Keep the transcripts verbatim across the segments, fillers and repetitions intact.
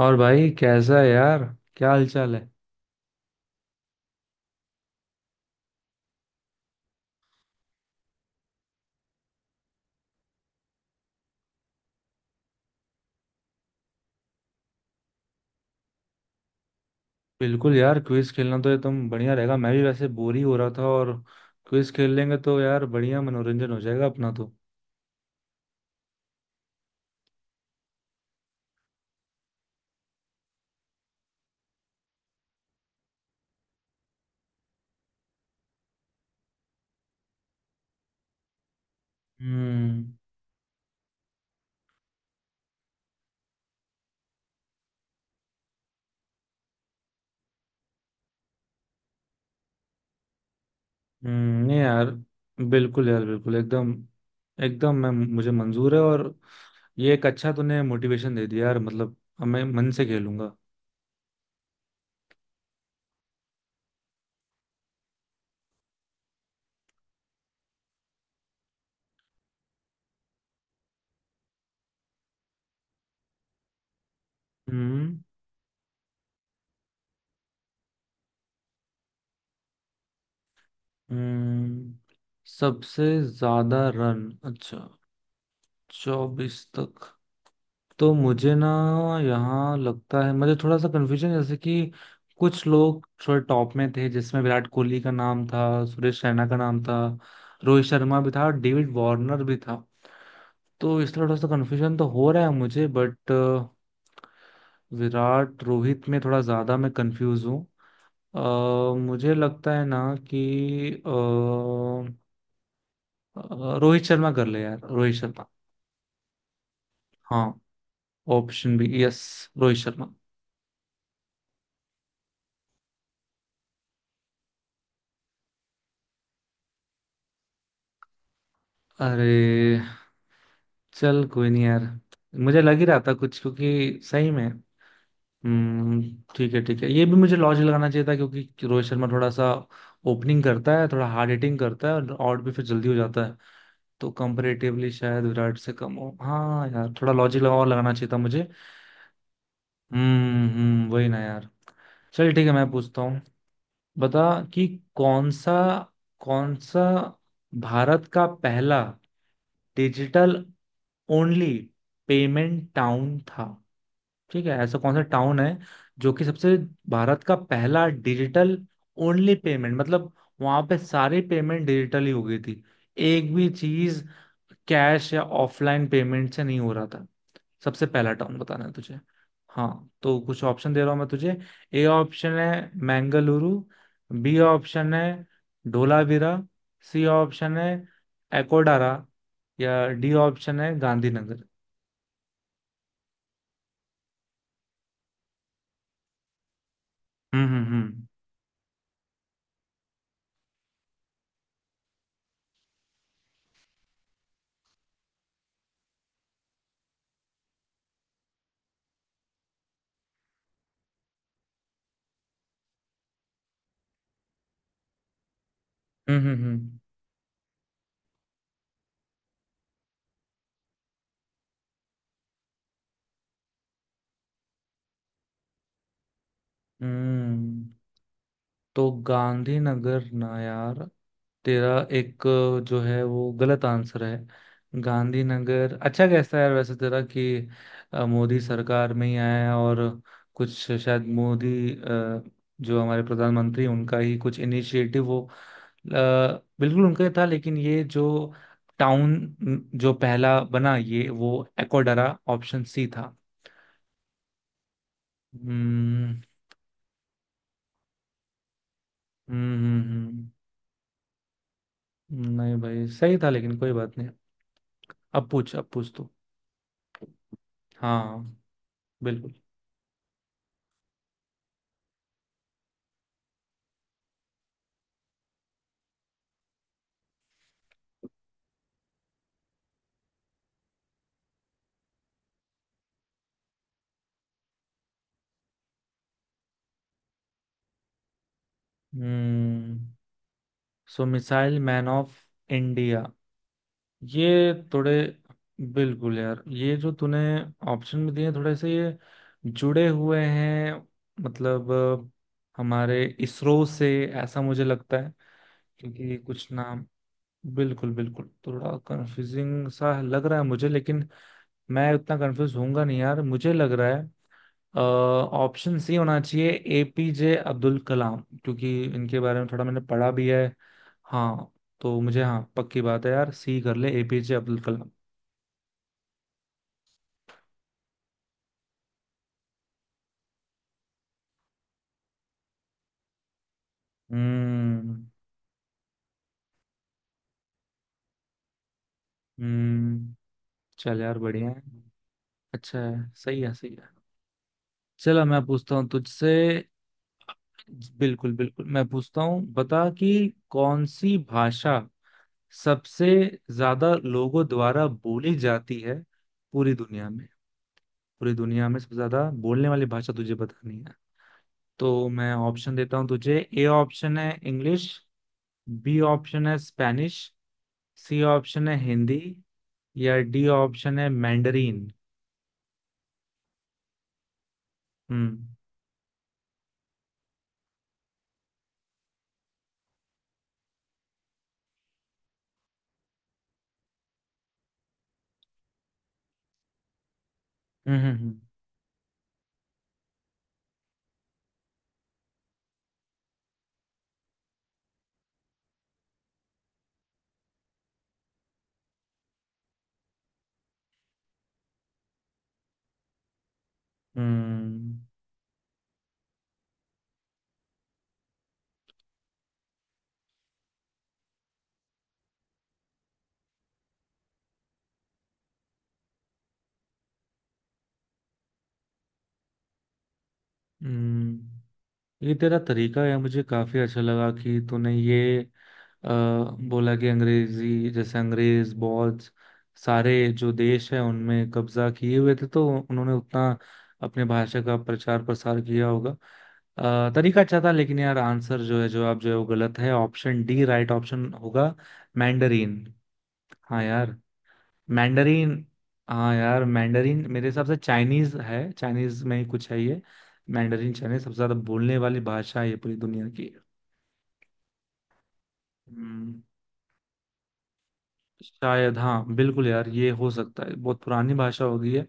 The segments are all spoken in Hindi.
और भाई कैसा है यार? क्या हालचाल है? बिल्कुल यार, क्विज खेलना तो ये तुम बढ़िया रहेगा। मैं भी वैसे बोर ही हो रहा था और क्विज खेल लेंगे तो यार बढ़िया मनोरंजन हो जाएगा अपना तो। हम्म हम्म, नहीं यार, बिल्कुल यार बिल्कुल एकदम एकदम मैं मुझे मंजूर है। और ये एक अच्छा तूने मोटिवेशन दे दिया यार, मतलब अब मैं मन से खेलूंगा। हम्म। हम्म। सबसे ज्यादा रन, अच्छा, चौबीस तक। तो मुझे ना यहाँ लगता है, मुझे थोड़ा सा कन्फ्यूजन, जैसे कि कुछ लोग थोड़े टॉप में थे जिसमें विराट कोहली का नाम था, सुरेश रैना का नाम था, रोहित शर्मा भी था, डेविड वार्नर भी था। तो इसलिए थोड़ा सा कन्फ्यूजन तो हो रहा है मुझे, बट विराट रोहित में थोड़ा ज्यादा मैं कंफ्यूज हूँ। अ, मुझे लगता है ना कि अ, अ, रोहित शर्मा कर ले यार, रोहित शर्मा। हाँ, ऑप्शन भी, यस, रोहित शर्मा। अरे, चल कोई नहीं यार, मुझे लग ही रहा था कुछ, क्योंकि सही में। हम्म। ठीक है ठीक है, ये भी मुझे लॉजिक लगाना चाहिए था, क्योंकि रोहित शर्मा थोड़ा सा ओपनिंग करता है, थोड़ा हार्ड हिटिंग करता है और आउट भी फिर जल्दी हो जाता है। तो कंपैरेटिवली शायद विराट से कम हो। हाँ यार, थोड़ा लॉजिक लगा और लगाना चाहिए था मुझे। हम्म हम्म, वही ना यार। चल ठीक है, मैं पूछता हूँ। बता कि कौन सा कौन सा भारत का पहला डिजिटल ओनली पेमेंट टाउन था? ठीक है, ऐसा कौन सा टाउन है जो कि सबसे, भारत का पहला डिजिटल ओनली पेमेंट, मतलब वहां पे सारी पेमेंट डिजिटल ही हो गई थी, एक भी चीज कैश या ऑफलाइन पेमेंट से नहीं हो रहा था। सबसे पहला टाउन बताना है तुझे। हाँ, तो कुछ ऑप्शन दे रहा हूँ मैं तुझे। ए ऑप्शन है मैंगलुरु, बी ऑप्शन है धोलावीरा, सी ऑप्शन है एकोडारा, या डी ऑप्शन है गांधीनगर। हम्म। हम्म। हम्म। हम्म। हम्म। हम्म। हम्म। तो गांधीनगर ना यार तेरा एक जो है, वो गलत आंसर है। गांधीनगर अच्छा कैसा है यार वैसे तेरा, कि अ, मोदी सरकार में ही आया है और कुछ शायद मोदी, अ, जो हमारे प्रधानमंत्री हैं, उनका ही कुछ इनिशिएटिव हो। अ, बिल्कुल उनका ही था, लेकिन ये जो टाउन जो पहला बना ये, वो एकोडरा ऑप्शन सी था। हम्म हम्म हम्म हम्म। नहीं भाई, सही था, लेकिन कोई बात नहीं। अब पूछ, अब पूछ तू। हाँ, बिल्कुल। हम्म। So missile man of India, ये थोड़े, बिल्कुल यार ये जो तूने ऑप्शन में दिए हैं, थोड़े से ये जुड़े हुए हैं। मतलब अ, हमारे इसरो से, ऐसा मुझे लगता है। क्योंकि कुछ नाम, बिल्कुल बिल्कुल थोड़ा कंफ्यूजिंग सा लग रहा है मुझे, लेकिन मैं उतना कंफ्यूज होऊंगा नहीं यार। मुझे लग रहा है ऑप्शन सी होना चाहिए, एपीजे अब्दुल कलाम, क्योंकि इनके बारे में थोड़ा मैंने पढ़ा भी है। हाँ, तो मुझे, हाँ, पक्की बात है यार, सी कर ले, एपीजे अब्दुल कलाम। हम्म। हम्म। चल यार बढ़िया है। अच्छा है, सही है, सही है। चलो मैं पूछता हूँ तुझसे। बिल्कुल बिल्कुल मैं पूछता हूँ। बता कि कौन सी भाषा सबसे ज्यादा लोगों द्वारा बोली जाती है पूरी दुनिया में? पूरी दुनिया में सबसे ज्यादा बोलने वाली भाषा तुझे बतानी है। तो मैं ऑप्शन देता हूँ तुझे। ए ऑप्शन है इंग्लिश, बी ऑप्शन है स्पेनिश, सी ऑप्शन है हिंदी, या डी ऑप्शन है मैंडरीन। हम्म। हम्म। हम्म। हम्म। हम्म। हम्म। ये तेरा तरीका है, मुझे काफी अच्छा लगा कि तूने ये, अ, बोला कि अंग्रेजी, जैसे अंग्रेज बहुत सारे जो देश हैं उनमें कब्जा किए हुए थे, तो उन्होंने उतना अपने भाषा का प्रचार प्रसार किया होगा। अ, तरीका अच्छा था, लेकिन यार आंसर जो है, जवाब जो है, वो गलत है। ऑप्शन डी राइट ऑप्शन होगा, मैंडरीन। हाँ यार, मैंडरीन। हाँ यार, मैंडरीन मेरे हिसाब से चाइनीज है, चाइनीज में ही कुछ है ये। मैंडरीन चाइनीज सबसे ज्यादा बोलने वाली भाषा है ये पूरी दुनिया की। हम्म। शायद, हाँ बिल्कुल यार ये हो सकता है, बहुत पुरानी भाषा हो गई है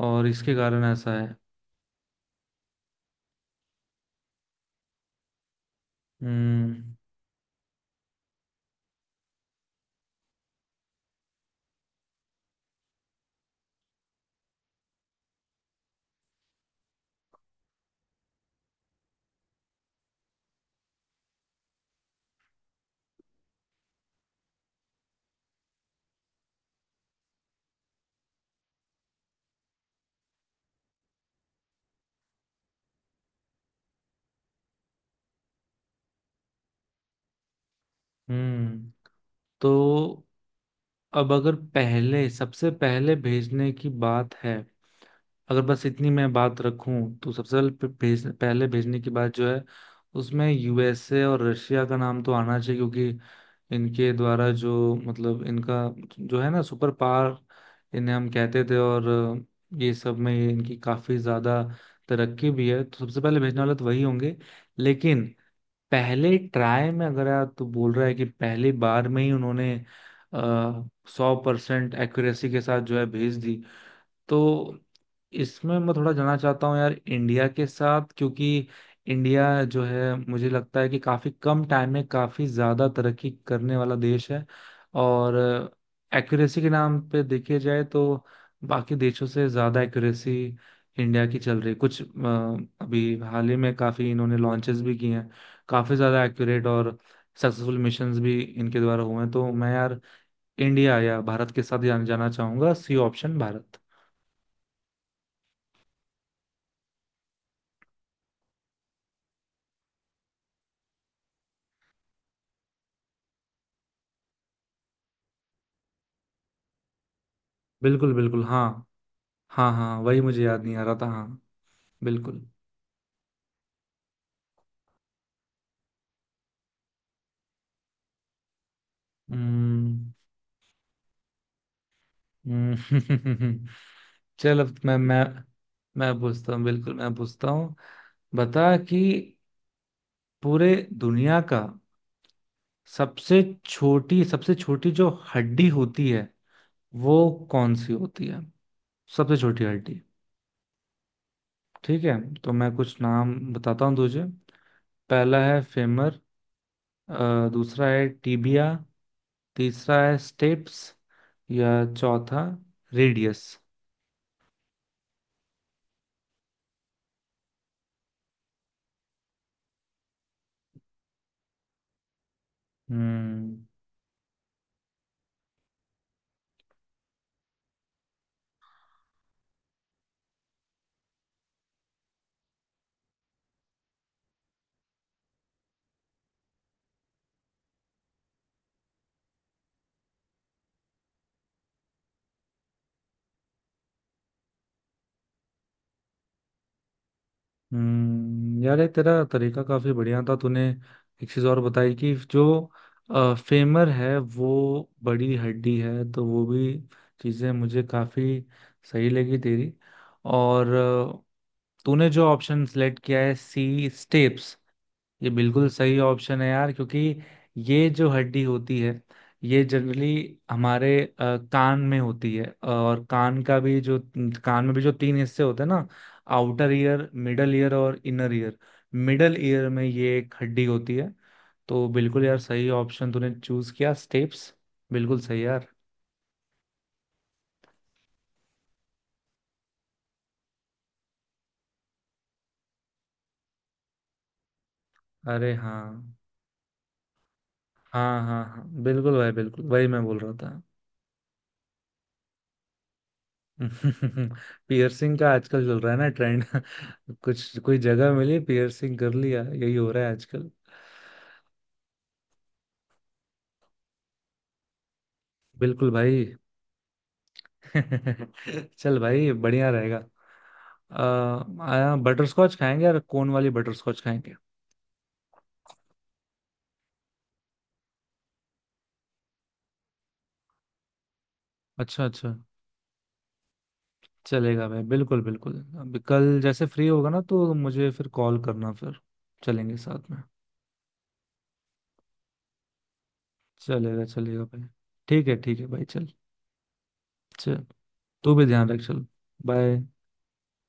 और इसके कारण ऐसा है। हम्म। हम्म। तो अब अगर पहले, सबसे पहले भेजने की बात है, अगर बस इतनी मैं बात रखूं, तो सबसे पहले पे- भेज, पहले भेजने की बात जो है, उसमें यूएसए और रशिया का नाम तो आना चाहिए, क्योंकि इनके द्वारा जो, मतलब इनका जो है ना, सुपर पावर इन्हें हम कहते थे, और ये सब में इनकी काफी ज्यादा तरक्की भी है, तो सबसे पहले भेजने वाले तो वही होंगे। लेकिन पहले ट्राई में, अगर आप तो बोल रहा है कि पहली बार में ही उन्होंने सौ परसेंट एक्यूरेसी के साथ जो है भेज दी, तो इसमें मैं थोड़ा जानना चाहता हूँ यार इंडिया के साथ, क्योंकि इंडिया जो है, मुझे लगता है कि काफी कम टाइम में काफी ज्यादा तरक्की करने वाला देश है। और एक्यूरेसी के नाम पे देखे जाए तो बाकी देशों से ज्यादा एक्यूरेसी इंडिया की चल रही है कुछ, अ, अभी हाल ही में काफी इन्होंने लॉन्चेस भी किए हैं, काफी ज्यादा एक्यूरेट और सक्सेसफुल मिशंस भी इनके द्वारा हुए हैं। तो मैं यार इंडिया या भारत के साथ जाना जाना चाहूंगा, सी ऑप्शन भारत। बिल्कुल बिल्कुल। हाँ। हाँ हाँ, वही मुझे याद नहीं आ रहा था, हाँ। बिल्कुल। हम्म। हम्म। चल अब मैं मैं मैं पूछता हूँ, बिल्कुल मैं पूछता हूँ। बता कि पूरे दुनिया का सबसे छोटी, सबसे छोटी जो हड्डी होती है, वो कौन सी होती है? सबसे छोटी हड्डी। ठीक है, तो मैं कुछ नाम बताता हूँ तुझे। पहला है फेमर, अ, दूसरा है टीबिया, तीसरा है स्टेप्स, या चौथा रेडियस। हम्म। हम्म। यार ये तेरा तरीका काफी बढ़िया था। तूने एक चीज और बताई कि जो फेमर है वो बड़ी हड्डी है, तो वो भी चीजें मुझे काफी सही लगी तेरी। और अ, तूने जो ऑप्शन सेलेक्ट किया है, सी स्टेप्स, ये बिल्कुल सही ऑप्शन है यार। क्योंकि ये जो हड्डी होती है, ये जनरली हमारे अ, कान में होती है। और कान का भी जो कान में भी जो तीन हिस्से होते हैं ना, आउटर ईयर, मिडल ईयर और इनर ईयर, मिडल ईयर में ये एक हड्डी होती है। तो बिल्कुल यार सही ऑप्शन तूने चूज किया, स्टेप्स, बिल्कुल सही यार। अरे हाँ, हाँ हाँ हाँ, बिल्कुल भाई, बिल्कुल वही मैं बोल रहा था। पियर्सिंग का आजकल चल रहा है ना ट्रेंड। कुछ कोई जगह मिली, पियर्सिंग कर लिया, यही हो रहा है आजकल। बिल्कुल भाई। चल भाई बढ़िया रहेगा। आ, आया, बटर स्कॉच खाएंगे यार, कोन वाली बटर स्कॉच खाएंगे। अच्छा अच्छा, चलेगा भाई, बिल्कुल बिल्कुल। अभी कल जैसे फ्री होगा ना तो मुझे फिर कॉल करना, फिर चलेंगे साथ में। चलेगा चलेगा भाई। ठीक है ठीक है भाई, चल। चल, तू भी ध्यान रख। चल, बाय।